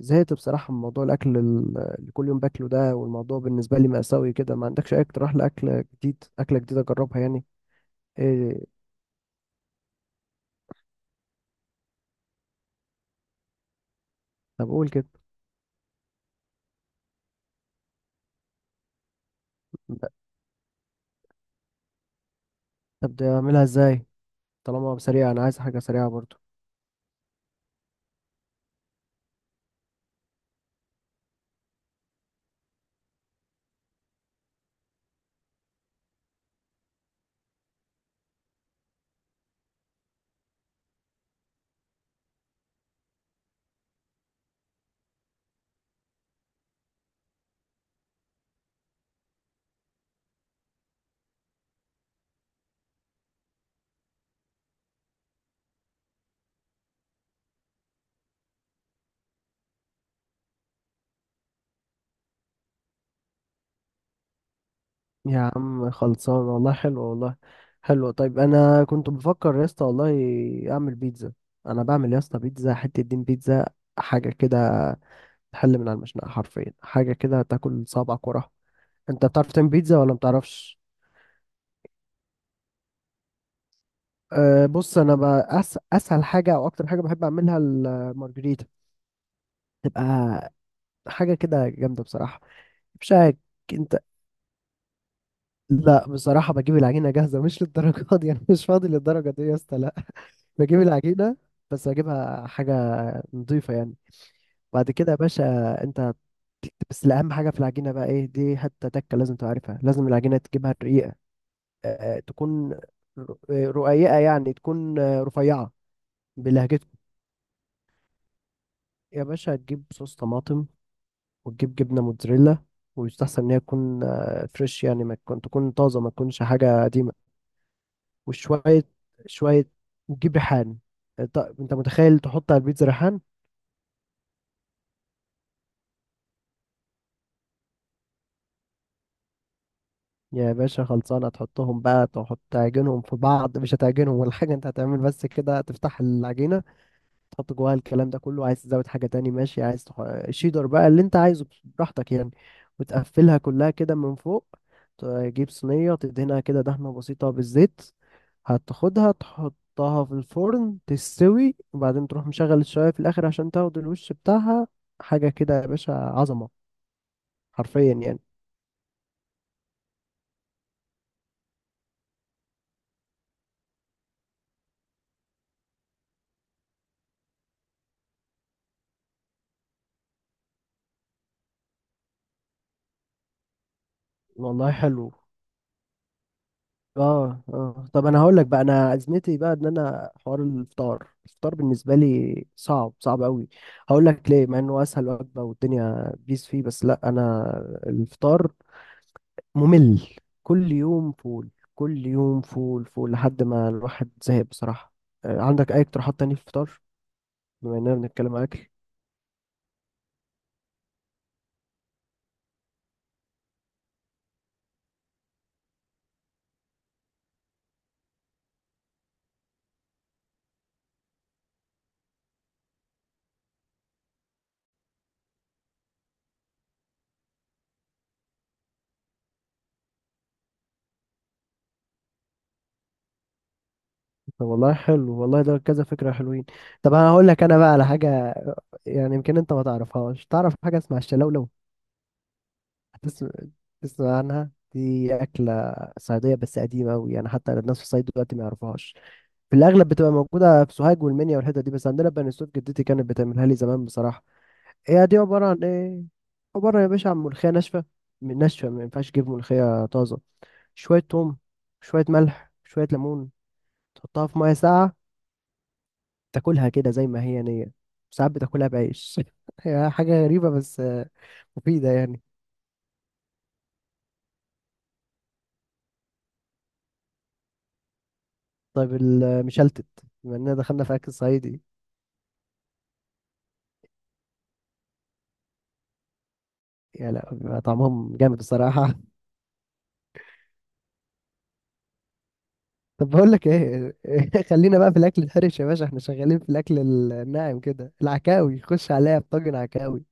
زهقت بصراحة من موضوع الأكل اللي كل يوم باكله ده، والموضوع بالنسبة لي مأساوي كده. ما عندكش أي اقتراح لأكل جديد، أكلة جديدة أجربها يعني؟ إيه؟ طب قول كده. طب ده أعملها إزاي؟ طالما سريعة أنا عايز حاجة سريعة برضو. يا عم خلصان والله، حلو والله. حلو طيب، أنا كنت بفكر يا اسطى والله أعمل بيتزا. أنا بعمل يا اسطى بيتزا، حتة دين بيتزا، حاجة كده تحل من على المشنقة حرفيا، حاجة كده تاكل صابعك وراها. أنت بتعرف تعمل بيتزا ولا مبتعرفش؟ أه بص، انا بقى اسهل حاجه او اكتر حاجه بحب اعملها المارجريتا. تبقى حاجه كده جامده بصراحه، مش عارف. انت، لا بصراحه بجيب العجينه جاهزه مش للدرجه دي، انا مش فاضي للدرجه دي يا اسطى، لا. بجيب العجينه، بس بجيبها حاجه نظيفه يعني. بعد كده يا باشا، انت بس اهم حاجه في العجينه بقى ايه، دي حته تكه لازم تعرفها، لازم العجينه تجيبها رقيقه. أه تكون رقيقه يعني، تكون رفيعه بلهجتكم. يا باشا تجيب صوص طماطم، وتجيب جبنة موتزاريلا، ويستحسن إن هي تكون فريش يعني، ما تكون طازة، ما تكونش حاجة قديمة. وشوية شوية، وتجيب ريحان. أنت، متخيل تحط على البيتزا ريحان؟ يا باشا خلصانة، تحطهم بقى، تحط تعجنهم في بعض، مش هتعجنهم ولا حاجة، أنت هتعمل بس كده تفتح العجينة، تحط جواها الكلام ده كله. عايز تزود حاجة تاني ماشي، عايز شيدر بقى اللي انت عايزه براحتك يعني. وتقفلها كلها كده من فوق، تجيب صينية تدهنها كده دهنة بسيطة بالزيت، هتاخدها تحطها في الفرن تستوي، وبعدين تروح مشغل الشواية في الآخر عشان تاخد الوش بتاعها. حاجة كده يا باشا، عظمة. حرفيا يعني. والله حلو. اه اه، طب انا هقول لك بقى انا ازمتي بقى، ان انا حوار الفطار، الفطار بالنسبه لي صعب، صعب قوي. هقول لك ليه، مع انه اسهل وجبه والدنيا بيس فيه، بس لا انا الفطار ممل. كل يوم فول، كل يوم فول، فول لحد ما الواحد زهق بصراحه. عندك اي اقتراحات تانية في الفطار؟ بما اننا بنتكلم اكل. طب والله حلو والله، ده كذا فكره حلوين. طب انا هقول لك انا بقى على حاجه، يعني يمكن انت ما تعرفهاش. تعرف حاجه اسمها الشلوله؟ تسمع، تسمع عنها؟ دي أكلة صعيدية بس قديمة أوي، يعني حتى الناس في الصعيد دلوقتي ما يعرفوهاش. في الأغلب بتبقى موجودة في سوهاج والمنيا والحتت دي، بس عندنا بني سويف جدتي كانت بتعملها لي زمان بصراحة. هي دي عبارة عن إيه؟ عبارة يا باشا عن ملوخية ناشفة، من ناشفة، ما ينفعش تجيب ملوخية طازة. شوية توم، شوية ملح، شوية ليمون، تحطها في مية ساقعة، تاكلها كده زي ما هي نية. ساعات بتاكلها بعيش هي حاجة غريبة بس مفيدة يعني. طيب المشلتت، بما إننا دخلنا في أكل صعيدي، يا لا بيبقى طعمهم جامد الصراحة. طب بقول لك ايه، خلينا بقى في الاكل الحرش يا باشا، احنا شغالين في الاكل الناعم كده. العكاوي، خش عليا بطاجن عكاوي.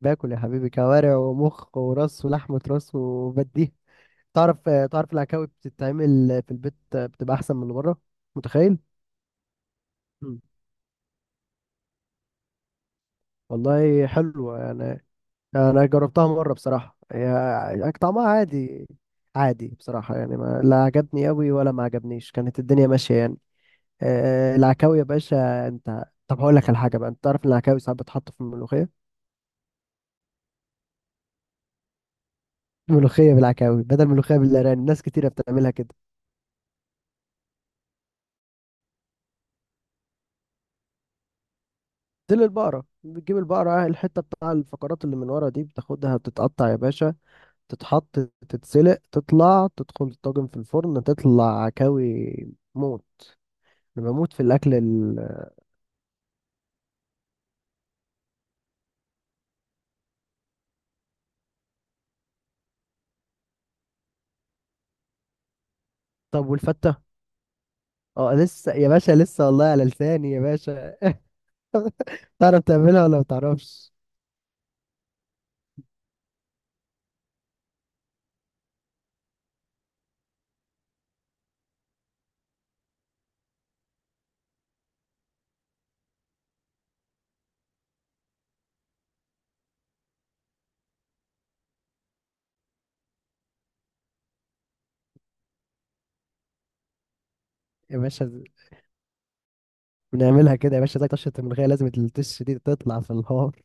باكل يا حبيبي، كوارع ومخ وراس ولحمة راس وبديه. تعرف، تعرف العكاوي بتتعمل في البيت بتبقى احسن من اللي بره؟ متخيل؟ مم. والله حلو يعني. انا جربتها مرة بصراحة، يعني طعمها عادي. عادي بصراحة يعني، ما لا عجبني قوي ولا ما عجبنيش، كانت الدنيا ماشية يعني. العكاوي يا باشا، انت طب هقول لك على حاجه بقى، انت تعرف ان العكاوي ساعات بتحط في الملوخيه؟ ملوخيه بالعكاوي بدل ملوخيه بالارانب، ناس كتيره بتعملها كده. تل البقره، بتجيب البقره الحته بتاع الفقرات اللي من ورا دي، بتاخدها بتتقطع يا باشا، تتحط، تتسلق، تطلع، تدخل الطاجن في الفرن، تطلع عكاوي موت. انا بموت في الاكل طب والفته. اه لسه يا باشا، لسه والله على لساني يا باشا. تعرف تعملها ولا ما تعرفش؟ يا باشا بنعملها كده يا باشا، زي طشة الملوخية، لازم التش دي تطلع في الهار.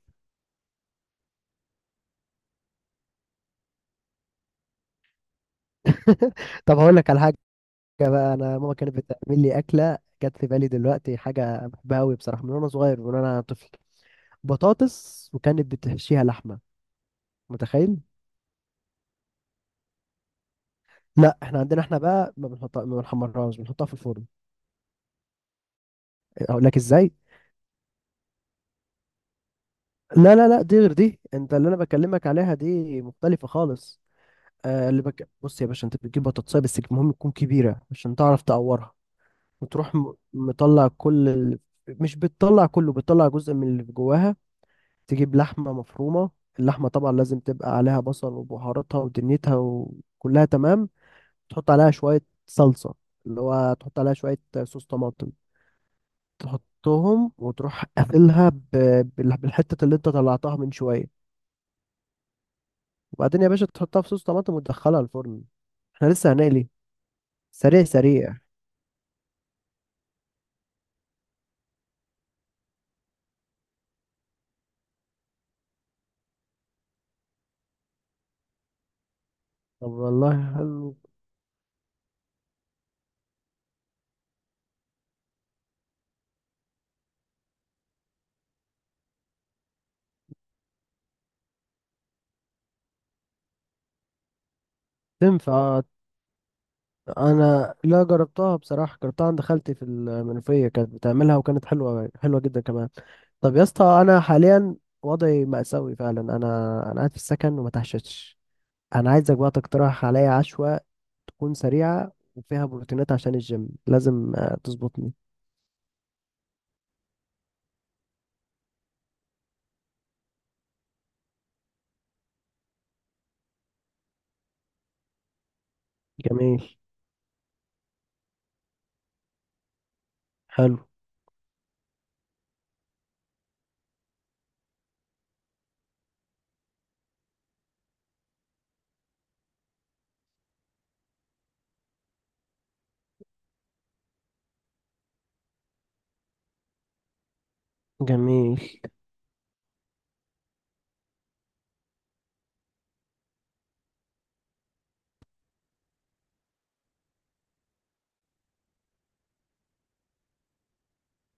طب هقول لك على حاجة بقى، أنا ماما كانت بتعمل لي أكلة جت في بالي دلوقتي، حاجة بحبها أوي بصراحة من وأنا صغير، من وأنا طفل. بطاطس، وكانت بتحشيها لحمة. متخيل؟ لا احنا عندنا، احنا بقى ما بنحطها، ما بنحمرهاش، بنحطها في الفرن. اقول لك ازاي. لا لا لا، دي غير دي، انت اللي انا بكلمك عليها دي مختلفة خالص. آه اللي بص يا باشا، انت بتجيب بطاطساية بس المهم تكون كبيرة عشان تعرف تقورها، وتروح مطلع كل مش بتطلع كله، بتطلع جزء من اللي جواها. تجيب لحمة مفرومة، اللحمة طبعا لازم تبقى عليها بصل وبهاراتها ودنيتها وكلها تمام. تحط عليها شوية صلصة، اللي هو تحط عليها شوية صوص طماطم. تحطهم وتروح قافلها بالحتة اللي انت طلعتها من شوية. وبعدين يا باشا تحطها في صوص طماطم وتدخلها الفرن، احنا لسه هنقلي. سريع سريع. طب والله حلو. تنفع. انا لا جربتها بصراحه، جربتها عند خالتي في المنوفيه كانت بتعملها، وكانت حلوه، حلوه جدا كمان. طب يا اسطى انا حاليا وضعي مأساوي فعلا، انا انا قاعد في السكن وما تحشتش. انا عايزك بقى تقترح عليا عشوه، تكون سريعه وفيها بروتينات عشان الجيم لازم تظبطني. جميل. حلو. جميل.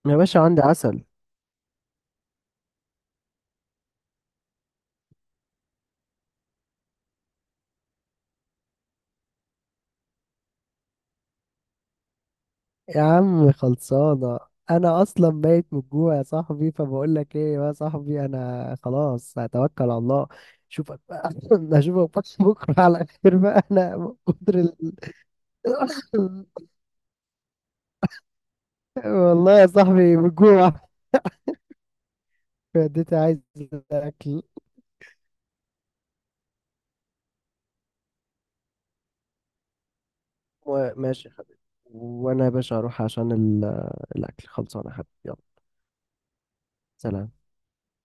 يا باشا عندي عسل. يا عم خلصانة. أنا أصلا ميت من الجوع يا صاحبي، فبقول لك إيه يا صاحبي، أنا خلاص هتوكل على الله. أشوفك بقى أشوفك بقى بكرة على خير بقى، أنا من كتر والله يا صاحبي من الجوع. اديتي عايز أكل. ماشي يا حبيبي. وأنا يا باشا هروح عشان الأكل خلصانة يا حبيبي، يلا. سلام.